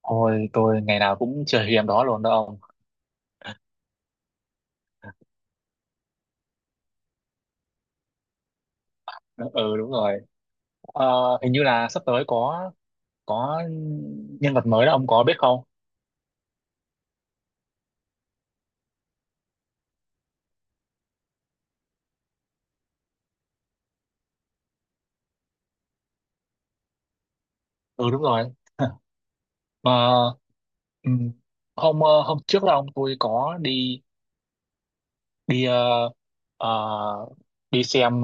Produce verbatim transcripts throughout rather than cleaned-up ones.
Ôi, tôi ngày nào cũng chơi game đó luôn đó ông. Ừ đúng rồi. Ờ, Hình như là sắp tới có có nhân vật mới đó ông có biết không? Ừ đúng rồi. Mà ừ, hôm ờ, hôm trước đó ông tôi có đi đi ờ, ờ, đi xem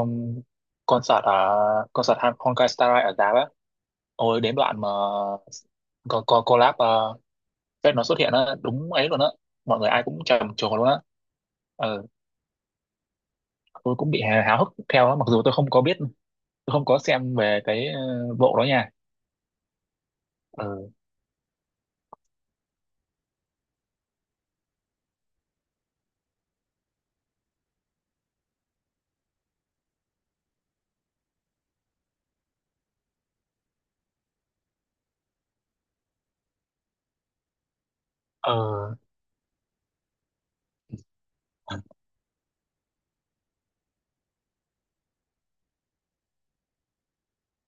concert ở concert Han- Honkai Star Rail ở Đà á. Ôi đến đoạn mà có có collab uh, nó xuất hiện á đúng ấy luôn á. Mọi người ai cũng trầm trồ luôn á. Ừ. Tôi cũng bị háo háo hức theo đó, mặc dù tôi không có biết tôi không có xem về cái ờ, bộ đó nha. ờ ờ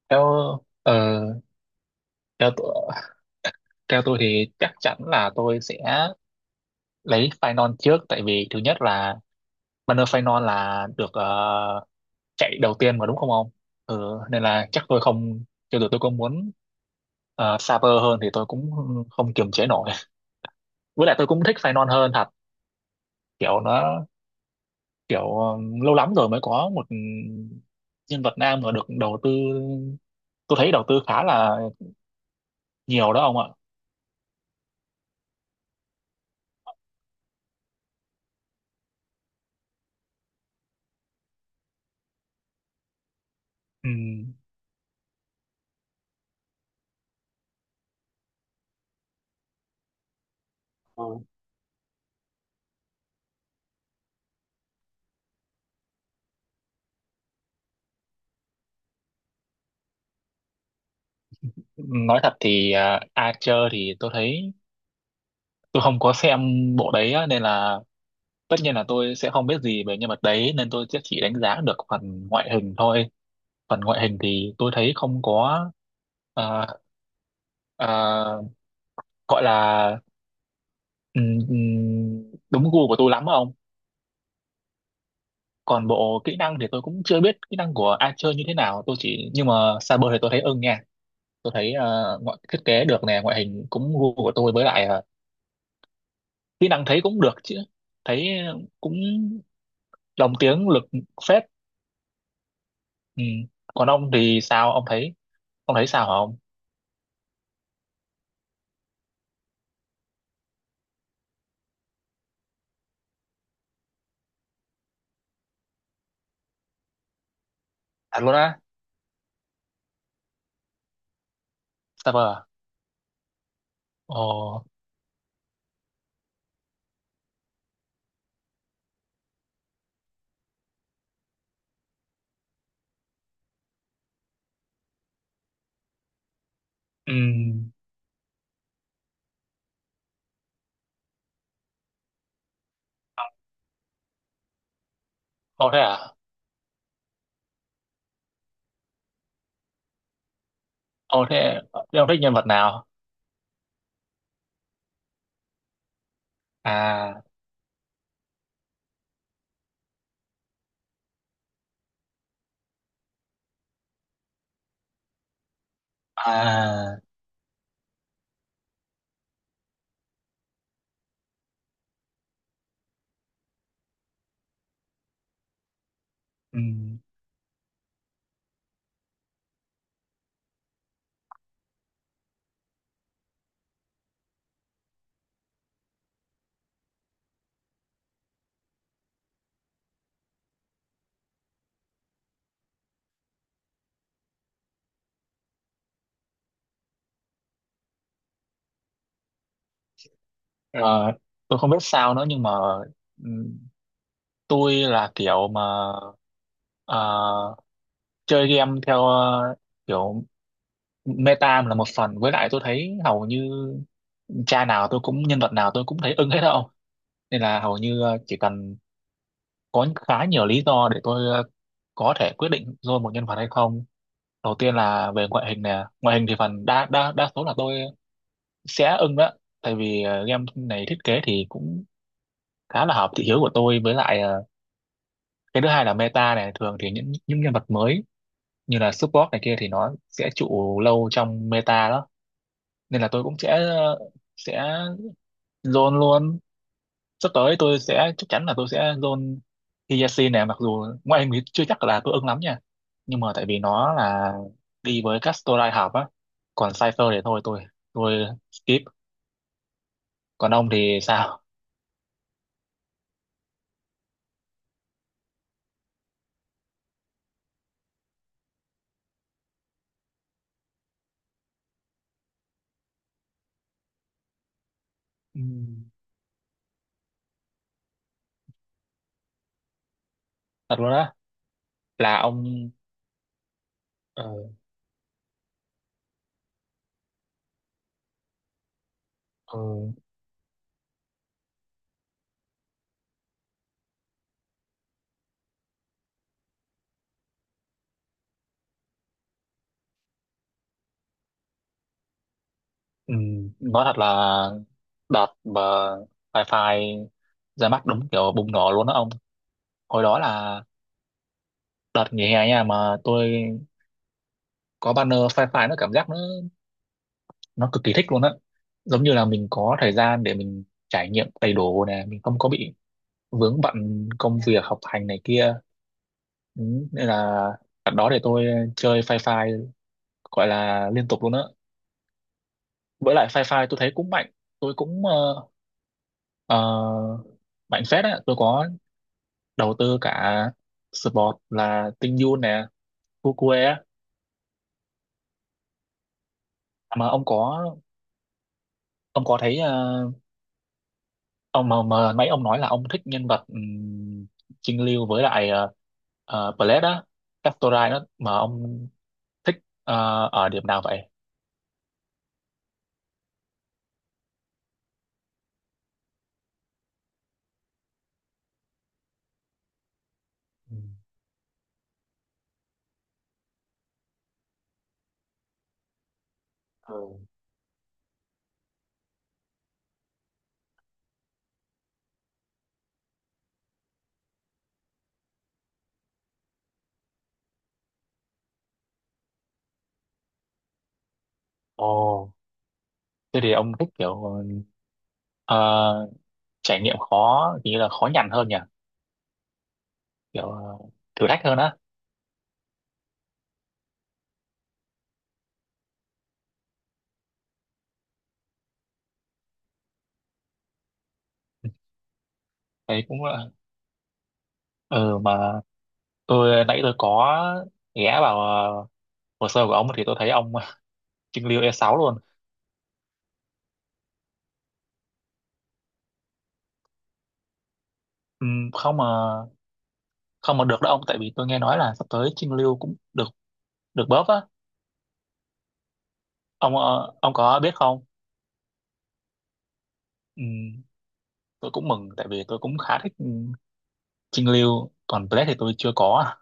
theo ờ theo tôi theo tôi thì chắc chắn là tôi sẽ lấy Phainon trước, tại vì thứ nhất là banner Phainon là được ờ, chạy đầu tiên mà đúng không ông. Ừ, nên là chắc tôi không, cho dù tôi có muốn uh, Saber hơn thì tôi cũng không kiềm chế nổi, với lại tôi cũng thích Phainon hơn thật. Kiểu nó kiểu ờ, lâu lắm rồi mới có một nhân vật nam mà được đầu tư, tôi thấy đầu tư khá là nhiều đó ông ạ. Ừ. Ờ, nói thật thì à, Archer thì tôi thấy tôi không có xem bộ đấy á, nên là tất nhiên là tôi sẽ không biết gì về nhân vật đấy, nên tôi sẽ chỉ đánh giá được phần ngoại hình thôi. Phần ngoại hình thì tôi thấy không có à, à, gọi là ừm, ừm, đúng gu của tôi lắm á ông. Còn bộ kỹ năng thì tôi cũng chưa biết kỹ năng của Archer như thế nào, tôi chỉ nhưng mà Saber thì tôi thấy ưng nha. Tôi thấy ờ, ngoại thiết kế được nè, ngoại hình cũng gu của tôi, với lại ờ, kỹ năng thấy cũng được chứ, thấy cũng lồng tiếng lực phết. Ừ. Còn ông thì sao, ông thấy ông thấy sao hả ông? Thật luôn á. Saber à? Ồ. Ừ. Ồ thế à. Ồ thế, thế ông thích nhân vật nào? À. À. Ừ. Ờ, tôi không biết sao nữa, nhưng mà ừ, tôi là kiểu mà à, chơi game theo à, kiểu meta là một phần, với lại tôi thấy hầu như cha nào tôi cũng nhân vật nào tôi cũng thấy ưng hết đâu. Nên là hầu như à, chỉ cần có khá nhiều lý do để tôi à, có thể quyết định rồi một nhân vật hay không. Đầu tiên là về ngoại hình nè, ngoại hình thì phần đa đa đa số là tôi sẽ ưng đó, tại vì à, game này thiết kế thì cũng khá là hợp thị hiếu của tôi, với lại à, cái thứ hai là meta này, thường thì những những nhân vật mới như là support này kia thì nó sẽ trụ lâu trong meta đó. Nên là tôi cũng sẽ sẽ zone luôn. Sắp tới tôi sẽ chắc chắn là tôi sẽ zone Hyacinth này, mặc dù ngoại hình thì chưa chắc là tôi ưng lắm nha, nhưng mà tại vì nó là đi với Castorai học á. Còn Cypher thì thôi tôi tôi skip. Còn ông thì sao? Ừ, thật luôn á là ông. ờ, ờ, ừ, nói thật là đợt mà Fi ra mắt đúng kiểu bùng nổ luôn đó ông. Hồi đó là đợt nghỉ hè nha, mà tôi có banner sci-fi, nó cảm giác nó nó cực kỳ thích luôn á, giống như là mình có thời gian để mình trải nghiệm đầy đủ nè, mình không có bị vướng bận công việc học hành này kia. Ừ, nên là đợt đó để tôi chơi sci-fi gọi là liên tục luôn á. Với lại sci-fi tôi thấy cũng mạnh, tôi cũng ờ, ờ, mạnh phết á. Tôi có đầu tư cả support là Tinh Yoon nè, Fukue á. Mà ông có ông có thấy ờ, ông mà, mà mấy ông nói là ông thích nhân vật um, Trinh Lưu với lại uh, uh, Blade á, Castorai đó mà ông thích ờ, ở điểm nào vậy? Ừ. Ừ. Ồ, thế thì ông thích kiểu ờ, trải nghiệm khó, nghĩa là khó nhằn hơn nhỉ, kiểu ờ, thử thách hơn á? Đấy cũng là ừ. Mà tôi nãy tôi có ghé vào ờ, hồ sơ của ông thì tôi thấy ông Trưng Lưu e sáu luôn. Ừ, không mà không mà được đó ông, tại vì tôi nghe nói là sắp tới Trinh Lưu cũng được được bóp á. Ông ờ, ông có biết không? Ừ, tôi cũng mừng, tại vì tôi cũng khá thích ừ, Trinh Lưu. Còn Black thì tôi chưa có.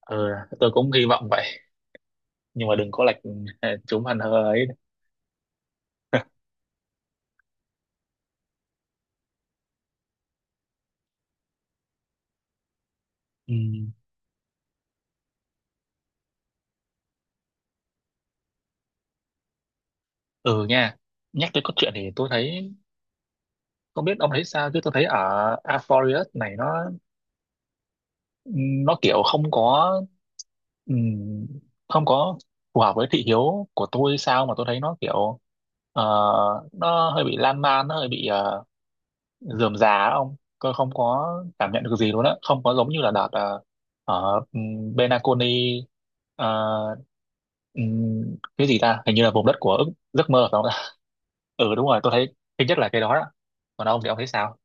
Ừ, tôi cũng hy vọng vậy, nhưng mà đừng có lệch ừ, chúng hẳn hơ ấy. Ừ, ừ nha, nhắc tới cốt truyện thì tôi thấy, không biết ông thấy sao chứ tôi thấy ở Aphorius này, nó nó kiểu không có ừm, không có phù hợp với thị hiếu của tôi sao, mà tôi thấy nó kiểu ờ, nó hơi bị lan man, nó hơi bị uh, rườm rà á ông. Tôi không có cảm nhận được gì luôn á, không có giống như là đợt ờ, ở um, Benaconi. ờ, ừm, cái gì ta, hình như là vùng đất của ước, giấc mơ phải không ta? Ừ đúng rồi, tôi thấy thứ nhất là cái đó đó. Còn ông thì ông thấy sao?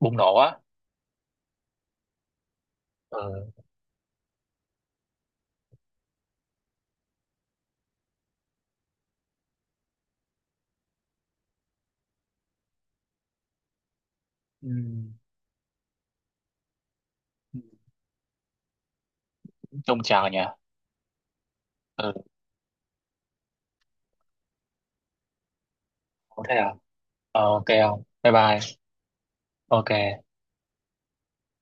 Bùng nổ á. Ừ. Ừm, trông chào nhỉ. Ừ. Có thế à. Ờ, ok không, bye bye. Ok.